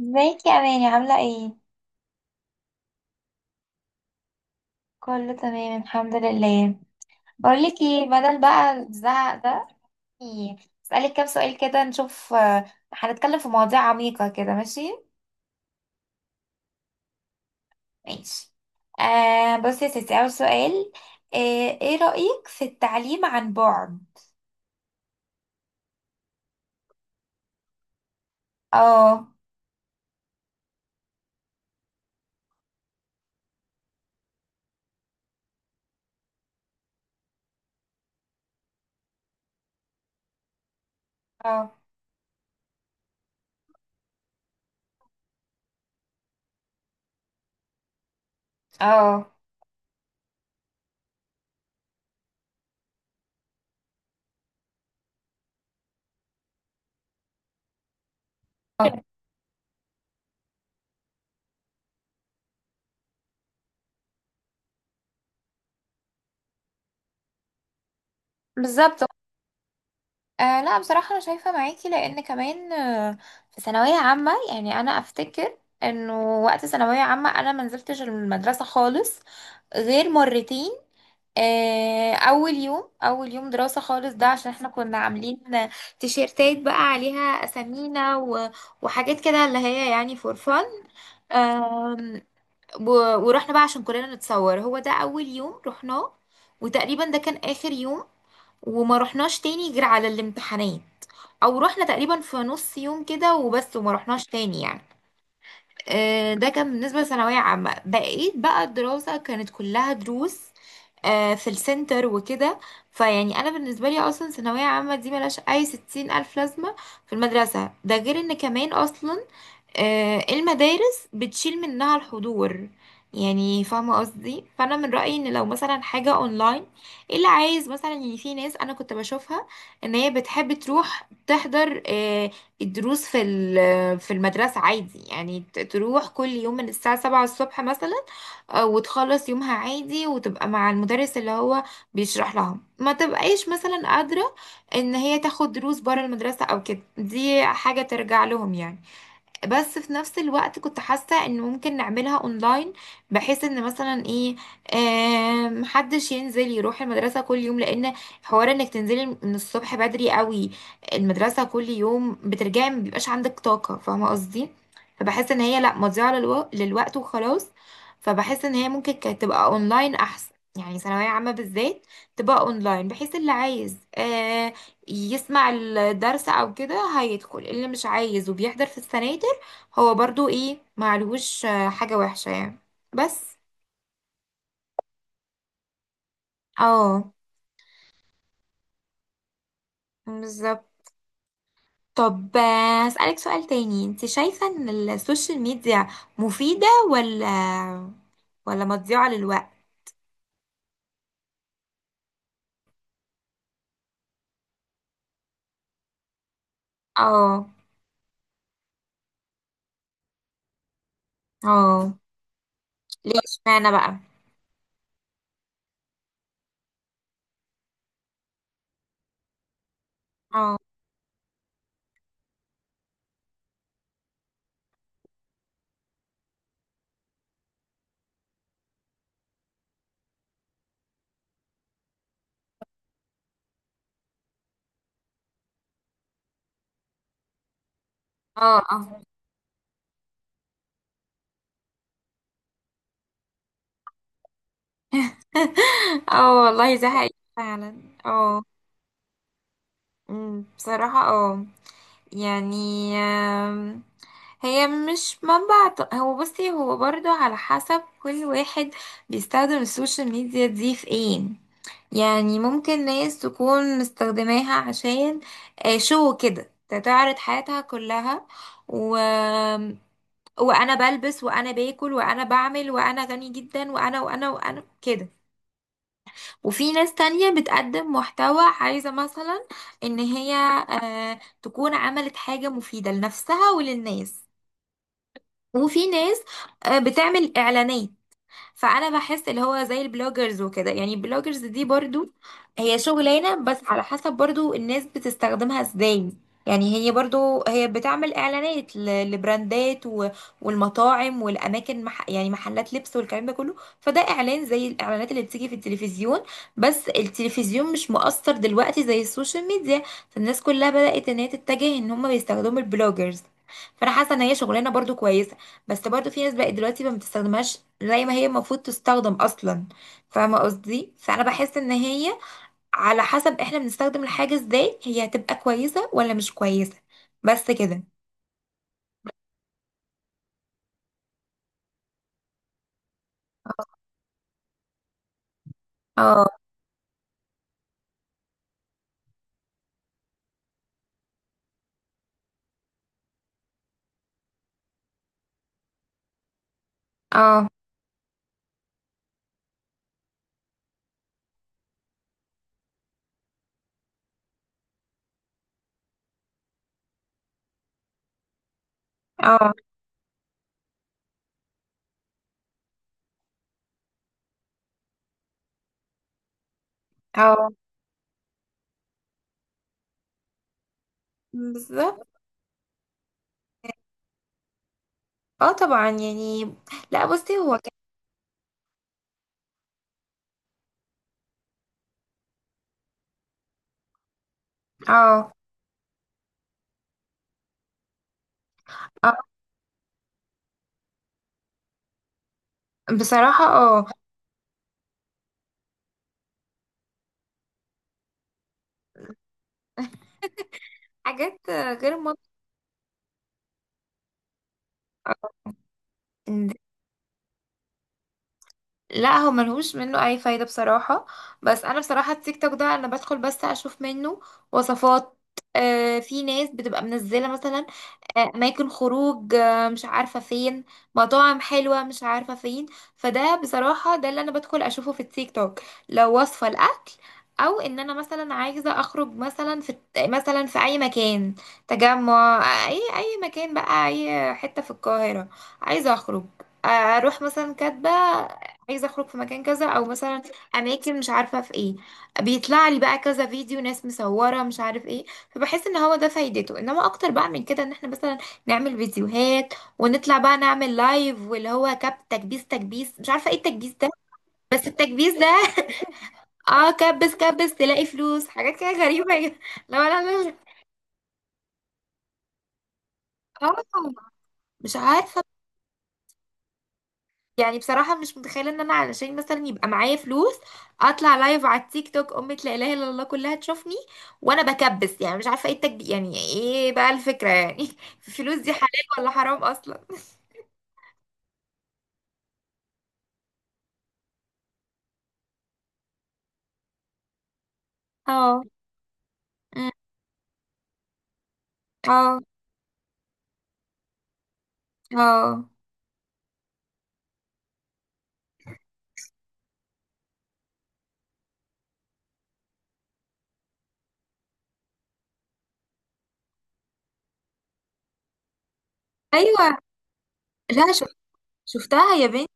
ازيك يا اماني، عامله ايه؟ كله تمام، الحمد لله. بقولك ايه، بدل بقى الزعق ده. إيه، اسالك كام سؤال كده نشوف. هنتكلم في مواضيع عميقه كده، ماشي. ماشي. بصي يا ستي، اول سؤال. إيه رايك في التعليم عن بعد؟ اه. اه. اه. آه، بالظبط. لا، بصراحه انا شايفه معاكي، لان كمان، في ثانويه عامه. يعني انا افتكر انه وقت ثانويه عامه انا منزلتش المدرسه خالص غير مرتين. اول يوم دراسة خالص، ده عشان احنا كنا عاملين تيشيرتات بقى عليها اسامينا وحاجات كده، اللي هي يعني فور فن. آم، ورحنا بقى عشان كلنا نتصور، هو ده اول يوم رحناه، وتقريبا ده كان اخر يوم. وما رحناش تاني غير على الامتحانات، او رحنا تقريبا في نص يوم كده وبس، وما رحناش تاني يعني. ده كان بالنسبة لثانوية عامة. بقيت بقى الدراسة كانت كلها دروس، في السنتر وكده. فيعني أنا بالنسبة لي أصلا ثانوية عامة دي ملهاش أي ستين ألف لازمة في المدرسة. ده غير إن كمان أصلا المدارس بتشيل منها الحضور، يعني فاهمة قصدي. فأنا من رأيي إن لو مثلا حاجة أونلاين، اللي عايز مثلا، يعني في ناس أنا كنت بشوفها إن هي بتحب تروح تحضر الدروس في في المدرسة عادي، يعني تروح كل يوم من الساعة 7 الصبح مثلا، وتخلص يومها عادي، وتبقى مع المدرس اللي هو بيشرح لها. ما تبقايش مثلا قادرة إن هي تاخد دروس برا المدرسة أو كده، دي حاجة ترجع لهم يعني. بس في نفس الوقت كنت حاسة ان ممكن نعملها اونلاين، بحيث ان مثلا ايه، محدش ينزل يروح المدرسة كل يوم، لان حوار انك تنزلي من الصبح بدري قوي المدرسة كل يوم، بترجعي ما بيبقاش عندك طاقة، فاهمة قصدي. فبحس ان هي لا، مضيعة للوقت وخلاص. فبحس ان هي ممكن كانت تبقى اونلاين احسن، يعني ثانوية عامة بالذات تبقى اونلاين، بحيث اللي عايز يسمع الدرس او كده هيدخل، اللي مش عايز وبيحضر في السنة هو برضو ايه معلهوش حاجة وحشة يعني. بس. اه. بالظبط. طب، اسألك سؤال تاني، انت شايفة ان السوشيال ميديا مفيدة، ولا، ولا مضيعة للوقت؟ اه. اه. ليه اشمعنى بقى؟ اه. اه. اه. اه والله، ده حقيقي فعلا. اه. بصراحة اه، يعني هي مش منبع هو بصي، هو برضو على حسب كل واحد بيستخدم السوشيال ميديا دي في ايه. يعني ممكن ناس تكون مستخدماها عشان شو كده تعرض حياتها كلها و... وانا بلبس وانا باكل وانا بعمل وانا غني جدا وانا وانا وانا كده. وفي ناس تانية بتقدم محتوى، عايزة مثلا ان هي تكون عملت حاجة مفيدة لنفسها وللناس. وفي ناس بتعمل اعلانات. فانا بحس اللي هو زي البلوجرز وكده، يعني البلوجرز دي برضو هي شغلانه، بس على حسب برضو الناس بتستخدمها ازاي. يعني هي برضو هي بتعمل اعلانات لبراندات والمطاعم والاماكن مح، يعني محلات لبس والكلام ده كله. فده اعلان زي الاعلانات اللي بتيجي في التلفزيون، بس التلفزيون مش مؤثر دلوقتي زي السوشيال ميديا. فالناس كلها بدات ان هي تتجه، ان هم بيستخدموا البلوجرز. فانا حاسه ان هي شغلانه برضو كويسه، بس برضو في ناس بقت دلوقتي ما بتستخدمهاش زي ما هي المفروض تستخدم اصلا، فاهمه قصدي. فانا بحس ان هي على حسب احنا بنستخدم الحاجه ازاي، هي هتبقى كويسه ولا مش كويسه. بس كده. اه. اه. اه. اه بالظبط. اه طبعا يعني. لا بصي هو كان. اه. اه بصراحه اه حاجات غير منطقيه. لا هو ملهوش منه اي فايدة بصراحة، بس انا بصراحة التيك توك ده انا بدخل بس اشوف منه وصفات، في ناس بتبقى منزلة مثلا اماكن خروج، آه مش عارفة فين، مطاعم حلوة مش عارفة فين. فده بصراحة ده اللي انا بدخل اشوفه في التيك توك، لو وصفة الاكل، او ان انا مثلا عايزة اخرج مثلا في اي مكان تجمع، اي مكان بقى، اي حتة في القاهرة عايزة اخرج، اروح مثلا كاتبة عايزه اخرج في مكان كذا، او مثلا اماكن مش عارفه في ايه، بيطلع لي بقى كذا فيديو، ناس مصوره مش عارف ايه. فبحس ان هو ده فايدته، انما اكتر بقى من كده ان احنا مثلا نعمل فيديوهات ونطلع بقى نعمل لايف، واللي هو تكبيس مش عارفه ايه التكبيس ده. بس التكبيس ده اه كبس كبس، تلاقي فلوس، حاجات كده غريبه لا لا لا لا. اه. مش عارفه. يعني بصراحة مش متخيلة ان انا علشان مثلا يبقى معايا فلوس اطلع لايف على التيك توك، امة لا اله الا الله كلها تشوفني وانا بكبس، يعني مش عارفة ايه التكبير، يعني ايه بقى الفكرة يعني الفلوس دي حلال ولا حرام اصلا؟ اه. أمم، اه. اه. ايوه. لا. شفتها يا بنت،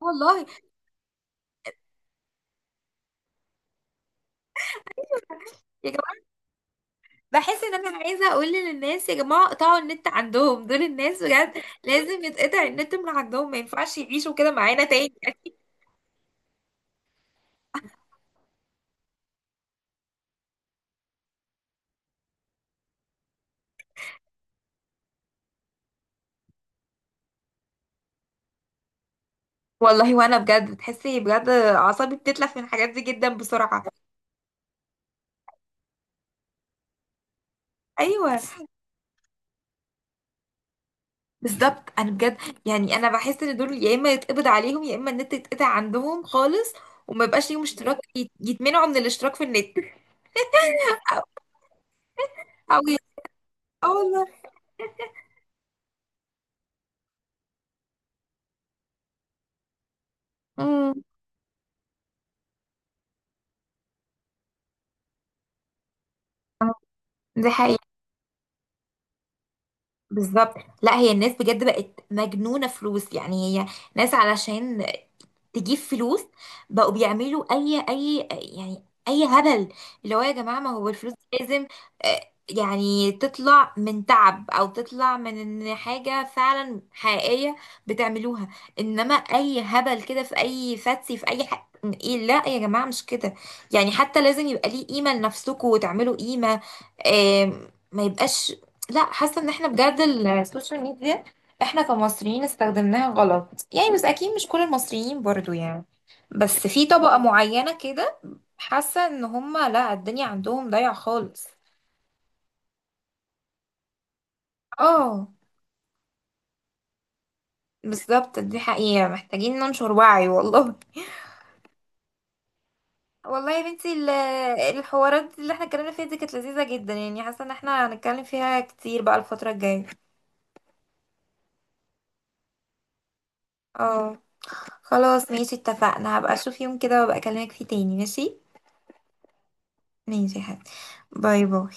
والله. يا جماعة بحس ان انا عايزة اقول للناس يا جماعة، اقطعوا النت عندهم، دول الناس بجد لازم يتقطع النت من عندهم، ما ينفعش يعيشوا كده معانا تاني. والله. وانا بجد بتحسي بجد اعصابي بتتلف من الحاجات دي جدا بسرعه. ايوه. بالظبط. انا بجد، يعني انا بحس ان دول يا اما يتقبض عليهم، يا اما النت يتقطع عندهم خالص وما يبقاش ليهم اشتراك، يتمنعوا من الاشتراك في النت. او. او اه والله. امم. دي حقيقة. بالظبط. لا هي الناس بجد بقت مجنونة فلوس، يعني هي ناس علشان تجيب فلوس بقوا بيعملوا اي يعني اي هبل، اللي هو يا جماعة، ما هو الفلوس دي لازم آه، يعني تطلع من تعب، او تطلع من إن حاجة فعلا حقيقية بتعملوها. انما اي هبل كده في اي فاتسي في اي حاجة، ايه لا يا جماعة، مش كده. يعني حتى لازم يبقى ليه قيمة لنفسكم، وتعملوا قيمة. ما يبقاش لا. حاسه ان احنا بجد السوشيال ميديا احنا كمصريين استخدمناها غلط، يعني بس اكيد مش كل المصريين برضو يعني، بس في طبقه معينه كده، حاسه ان هم لا الدنيا عندهم ضايعه خالص. اه. بالظبط، دي حقيقه، محتاجين ننشر وعي. والله. والله يا بنتي الحوارات اللي احنا اتكلمنا فيها دي كانت لذيذه جدا، يعني حاسه ان احنا هنتكلم فيها كتير بقى الفتره الجايه. اه. خلاص ماشي، اتفقنا، هبقى اشوف يوم كده وابقى اكلمك فيه تاني، ماشي. ماشي يا حبيبتي. باي باي.